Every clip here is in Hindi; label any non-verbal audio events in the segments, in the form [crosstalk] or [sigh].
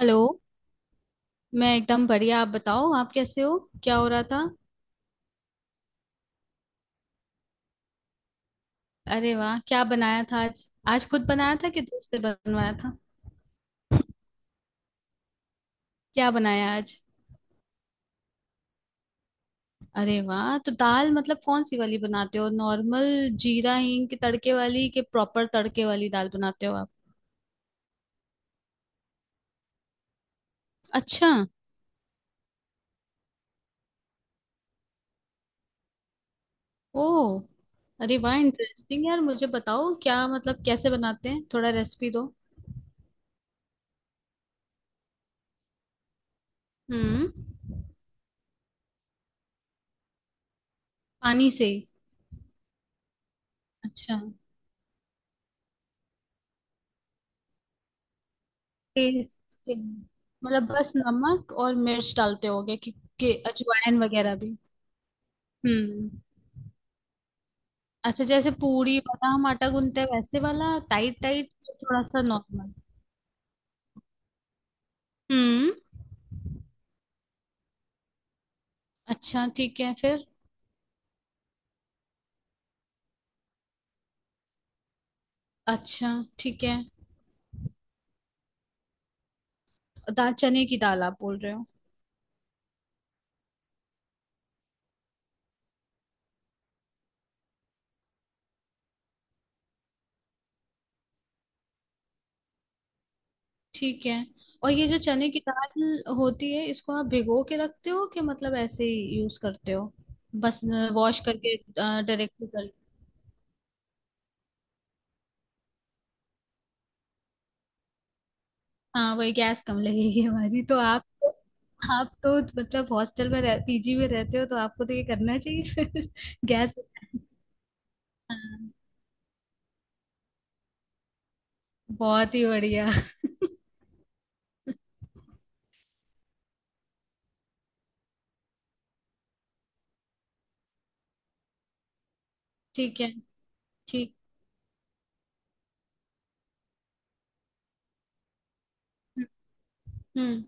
हेलो। मैं एकदम बढ़िया। आप बताओ, आप कैसे हो? क्या हो रहा था? अरे वाह, क्या बनाया था आज? आज खुद बनाया था कि दोस्त से बनवाया था? क्या बनाया आज? अरे वाह, तो दाल मतलब कौन सी वाली बनाते हो? नॉर्मल जीरा हींग के तड़के वाली कि प्रॉपर तड़के वाली दाल बनाते हो आप? अच्छा। ओ। अरे वाह, इंटरेस्टिंग यार। मुझे बताओ क्या मतलब कैसे बनाते हैं, थोड़ा रेसिपी दो। हम्म। पानी से? अच्छा। टेस्टिंग। मतलब बस नमक और मिर्च डालते होगे कि अजवाइन वगैरह भी? हम्म। अच्छा, जैसे पूरी वाला हम आटा गूंथते हैं वैसे वाला? Tight tight? थोड़ा सा नॉर्मल। हम्म। अच्छा ठीक है, फिर? अच्छा ठीक है। दाल? चने की दाल आप बोल रहे हो? ठीक है। और ये जो चने की दाल होती है इसको आप भिगो के रखते हो कि मतलब ऐसे ही यूज करते हो बस? वॉश करके डायरेक्टली? हाँ, वही गैस कम लगेगी हमारी। तो आप तो मतलब हॉस्टल में रह, पीजी में रहते हो, तो आपको तो ये करना चाहिए फिर [laughs] गैस। हाँ, बहुत ही बढ़िया [laughs] ठीक है। ठीक। हम्म।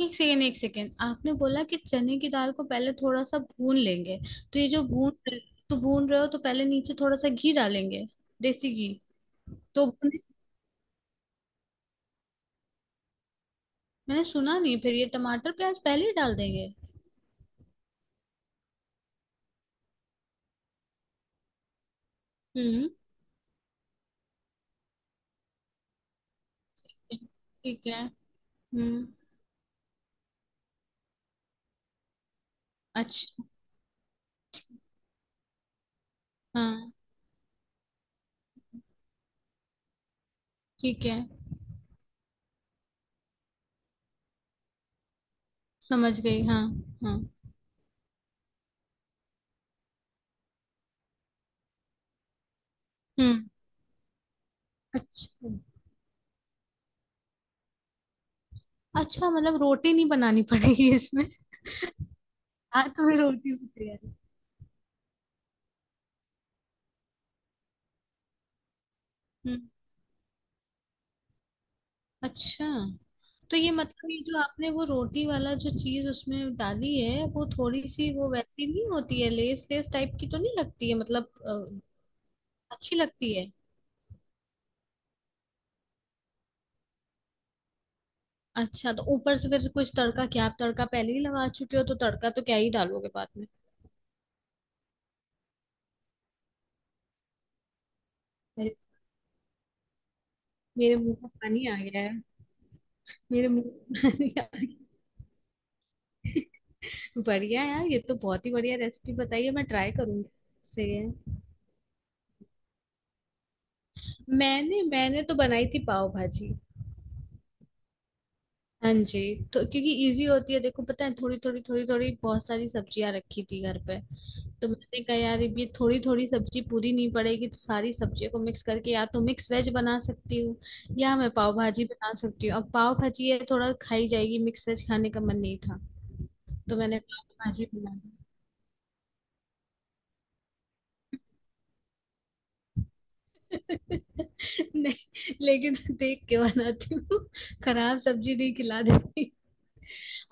एक सेकेंड एक सेकेंड, आपने बोला कि चने की दाल को पहले थोड़ा सा भून लेंगे। तो ये जो भून रहे- तो भून रहे हो तो पहले नीचे थोड़ा सा घी डालेंगे? देसी घी? तो भुने- मैंने सुना नहीं। फिर ये टमाटर प्याज पहले ही डाल देंगे? हम्म। ठीक है। हम्म। अच्छा। हाँ। ठीक है। समझ गई, हाँ। हाँ। हम्म। अच्छा। अच्छा मतलब रोटी नहीं बनानी पड़ेगी इसमें [laughs] हाँ तुम्हें रोटी भी तैयार है। हम्म। अच्छा, तो ये मतलब ये जो आपने वो रोटी वाला जो चीज उसमें डाली है, वो थोड़ी सी वो वैसी नहीं होती है? लेस लेस टाइप की तो नहीं लगती है? मतलब अच्छी लगती है। अच्छा, तो ऊपर से फिर कुछ तड़का? क्या आप तड़का पहले ही लगा चुके हो, तो तड़का तो क्या ही डालोगे बाद में। मेरे मेरे मुंह में पानी आ गया है। मेरे मुंह में पानी आ गया। बढ़िया यार, ये तो बहुत ही बढ़िया रेसिपी बताई है, मैं ट्राई करूंगी। सही है। मैंने मैंने तो बनाई थी पाव भाजी। हाँ जी। तो क्योंकि इजी होती है, देखो पता है, थोड़ी थोड़ी थोड़ी थोड़ी बहुत सारी सब्जियां रखी थी घर पे। तो मैंने कहा यार, ये थोड़ी थोड़ी सब्जी पूरी नहीं पड़ेगी, तो सारी सब्जियों को मिक्स करके या तो मिक्स वेज बना सकती हूँ या मैं पाव भाजी बना सकती हूँ। अब पाव भाजी ये थोड़ा खाई जाएगी, मिक्स वेज खाने का मन नहीं था, तो मैंने पाव भाजी बना ली। नहीं, लेकिन देख के बनाती हूँ, खराब सब्जी नहीं खिला देती।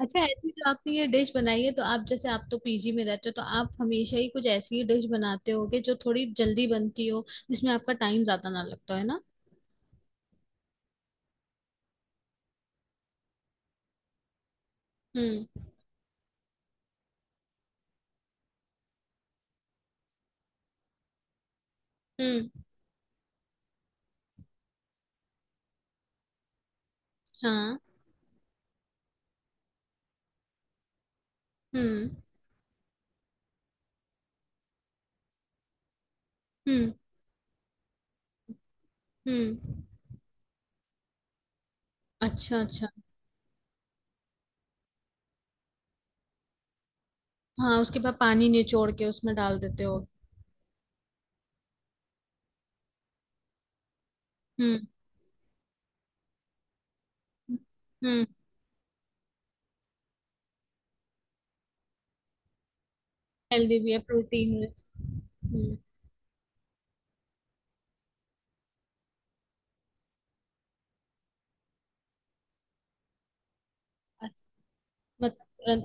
अच्छा, ऐसी जो आपने ये डिश बनाई है, तो आप जैसे आप तो पीजी में रहते हो, तो आप हमेशा ही कुछ ऐसी ही डिश बनाते होगे जो थोड़ी जल्दी बनती हो, जिसमें आपका टाइम ज्यादा ना लगता है ना? हम्म। हम्म। हाँ। हम्म। हम्म। हम्म। अच्छा, अच्छा। हाँ, उसके बाद पानी निचोड़ के उसमें डाल देते हो? हम्म। हम्म। हेल्दी भी है, प्रोटीन है। हम्म। मत तुरंत,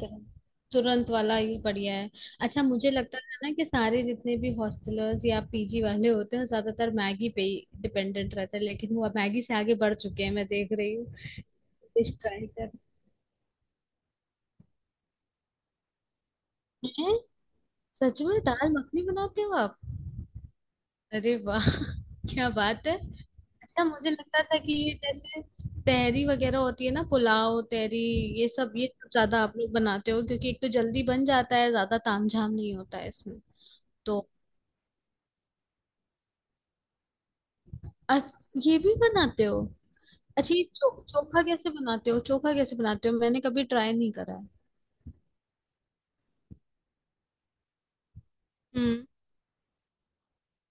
तुरंत वाला ही बढ़िया है। अच्छा, मुझे लगता था ना कि सारे जितने भी हॉस्टलर्स या पीजी वाले होते हैं ज्यादातर मैगी पे ही डिपेंडेंट रहते हैं, लेकिन वो अब मैगी से आगे बढ़ चुके हैं, मैं देख रही हूँ। डिश ट्राई कर। हैं? सच में दाल मखनी बनाते हो आप? अरे वाह [laughs] क्या बात है। अच्छा मुझे लगता था कि ये जैसे तहरी वगैरह होती है ना, पुलाव, तहरी, ये सब ज्यादा आप लोग बनाते हो, क्योंकि एक तो जल्दी बन जाता है, ज्यादा तामझाम नहीं होता है इसमें। तो अच- ये भी बनाते हो? अच्छा, ये चोखा कैसे बनाते हो? चोखा कैसे बनाते हो, मैंने कभी ट्राई नहीं करा है। हम्म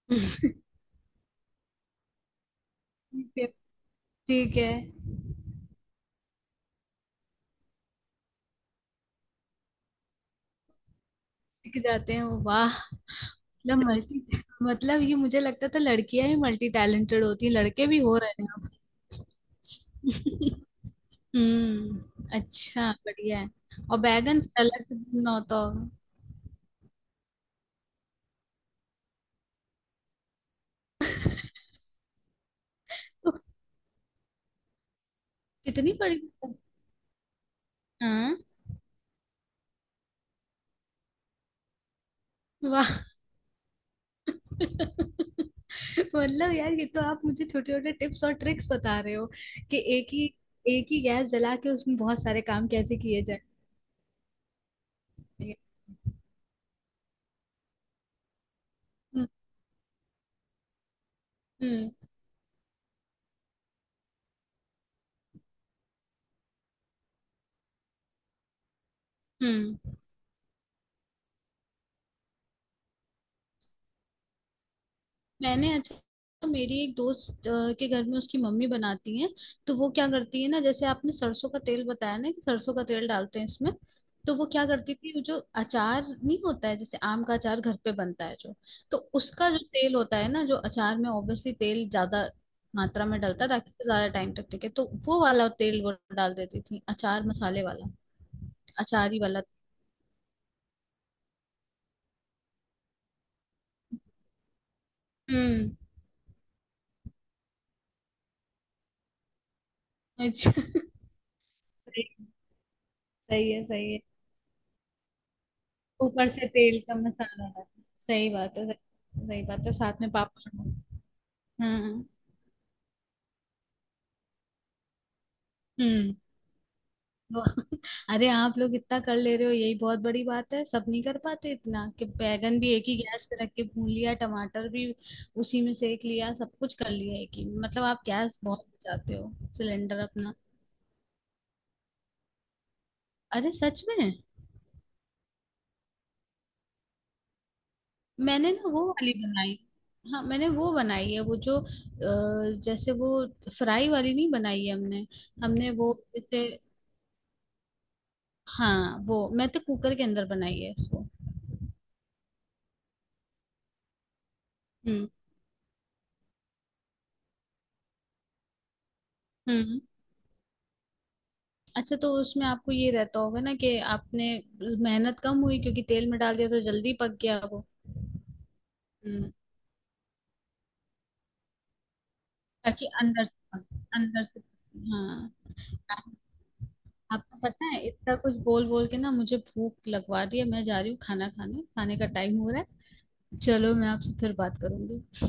[laughs] ठीक है। ठीक है। सीख जाते हैं वो? वाह। मतलब मल्टी मतलब ये मुझे लगता था लड़कियां ही मल्टी टैलेंटेड होती हैं, लड़के भी हो रहे हैं अब [laughs] हम्म, अच्छा, बढ़िया है। और बैगन अलग से भूनना होता होगा? कितनी बड़ी! हाँ। वाह [laughs] मतलब यार, ये तो आप मुझे छोटे छोटे टिप्स और ट्रिक्स बता रहे हो कि एक ही गैस जला के उसमें बहुत सारे काम कैसे किए जाए। हम्म। हम्म। हम्म। मैंने अच्छा, तो मेरी एक दोस्त के घर में उसकी मम्मी बनाती हैं। तो वो क्या करती है ना, जैसे आपने सरसों का तेल बताया ना कि सरसों का तेल डालते हैं इसमें, तो वो क्या करती थी, वो जो अचार नहीं होता है जैसे आम का अचार घर पे बनता है जो, तो उसका जो तेल होता है ना, जो अचार में ऑब्वियसली तेल ज्यादा मात्रा में डलता है ताकि वो ज्यादा टाइम तक टिके, तो वो वाला तेल वो डाल देती थी, अचार मसाले वाला। अचारी वाला। हम्म। अच्छा [laughs] सही। सही है, सही है। ऊपर से तेल का मसाला डाल। सही बात है, सही। सही बात है, साथ में पापड़। हम्म। हम्म। वो- [laughs] अरे, आप लोग इतना कर ले रहे हो, यही बहुत बड़ी बात है। सब नहीं कर पाते इतना कि बैगन भी एक ही गैस पे रख के भून लिया, टमाटर भी उसी में सेक लिया, सब कुछ कर लिया एक ही, मतलब आप गैस बहुत बचाते हो, सिलेंडर अपना। अरे सच में? मैंने ना वो वाली बनाई। हाँ मैंने वो बनाई है, वो जो जैसे वो फ्राई वाली नहीं बनाई है हमने। हमने वो जैसे, हाँ वो मैं तो कुकर के अंदर बनाई है इसको। हम्म। हम्म। अच्छा, तो उसमें आपको ये रहता होगा ना कि आपने मेहनत कम हुई क्योंकि तेल में डाल दिया तो जल्दी पक गया वो। हम्म। ताकि अंदर से अंदर से हाँ। आप- आपको पता है, इतना कुछ बोल बोल के ना मुझे भूख लगवा रही है, मैं जा रही हूँ खाना खाने खाने का टाइम हो रहा है। चलो, मैं आपसे फिर बात करूंगी।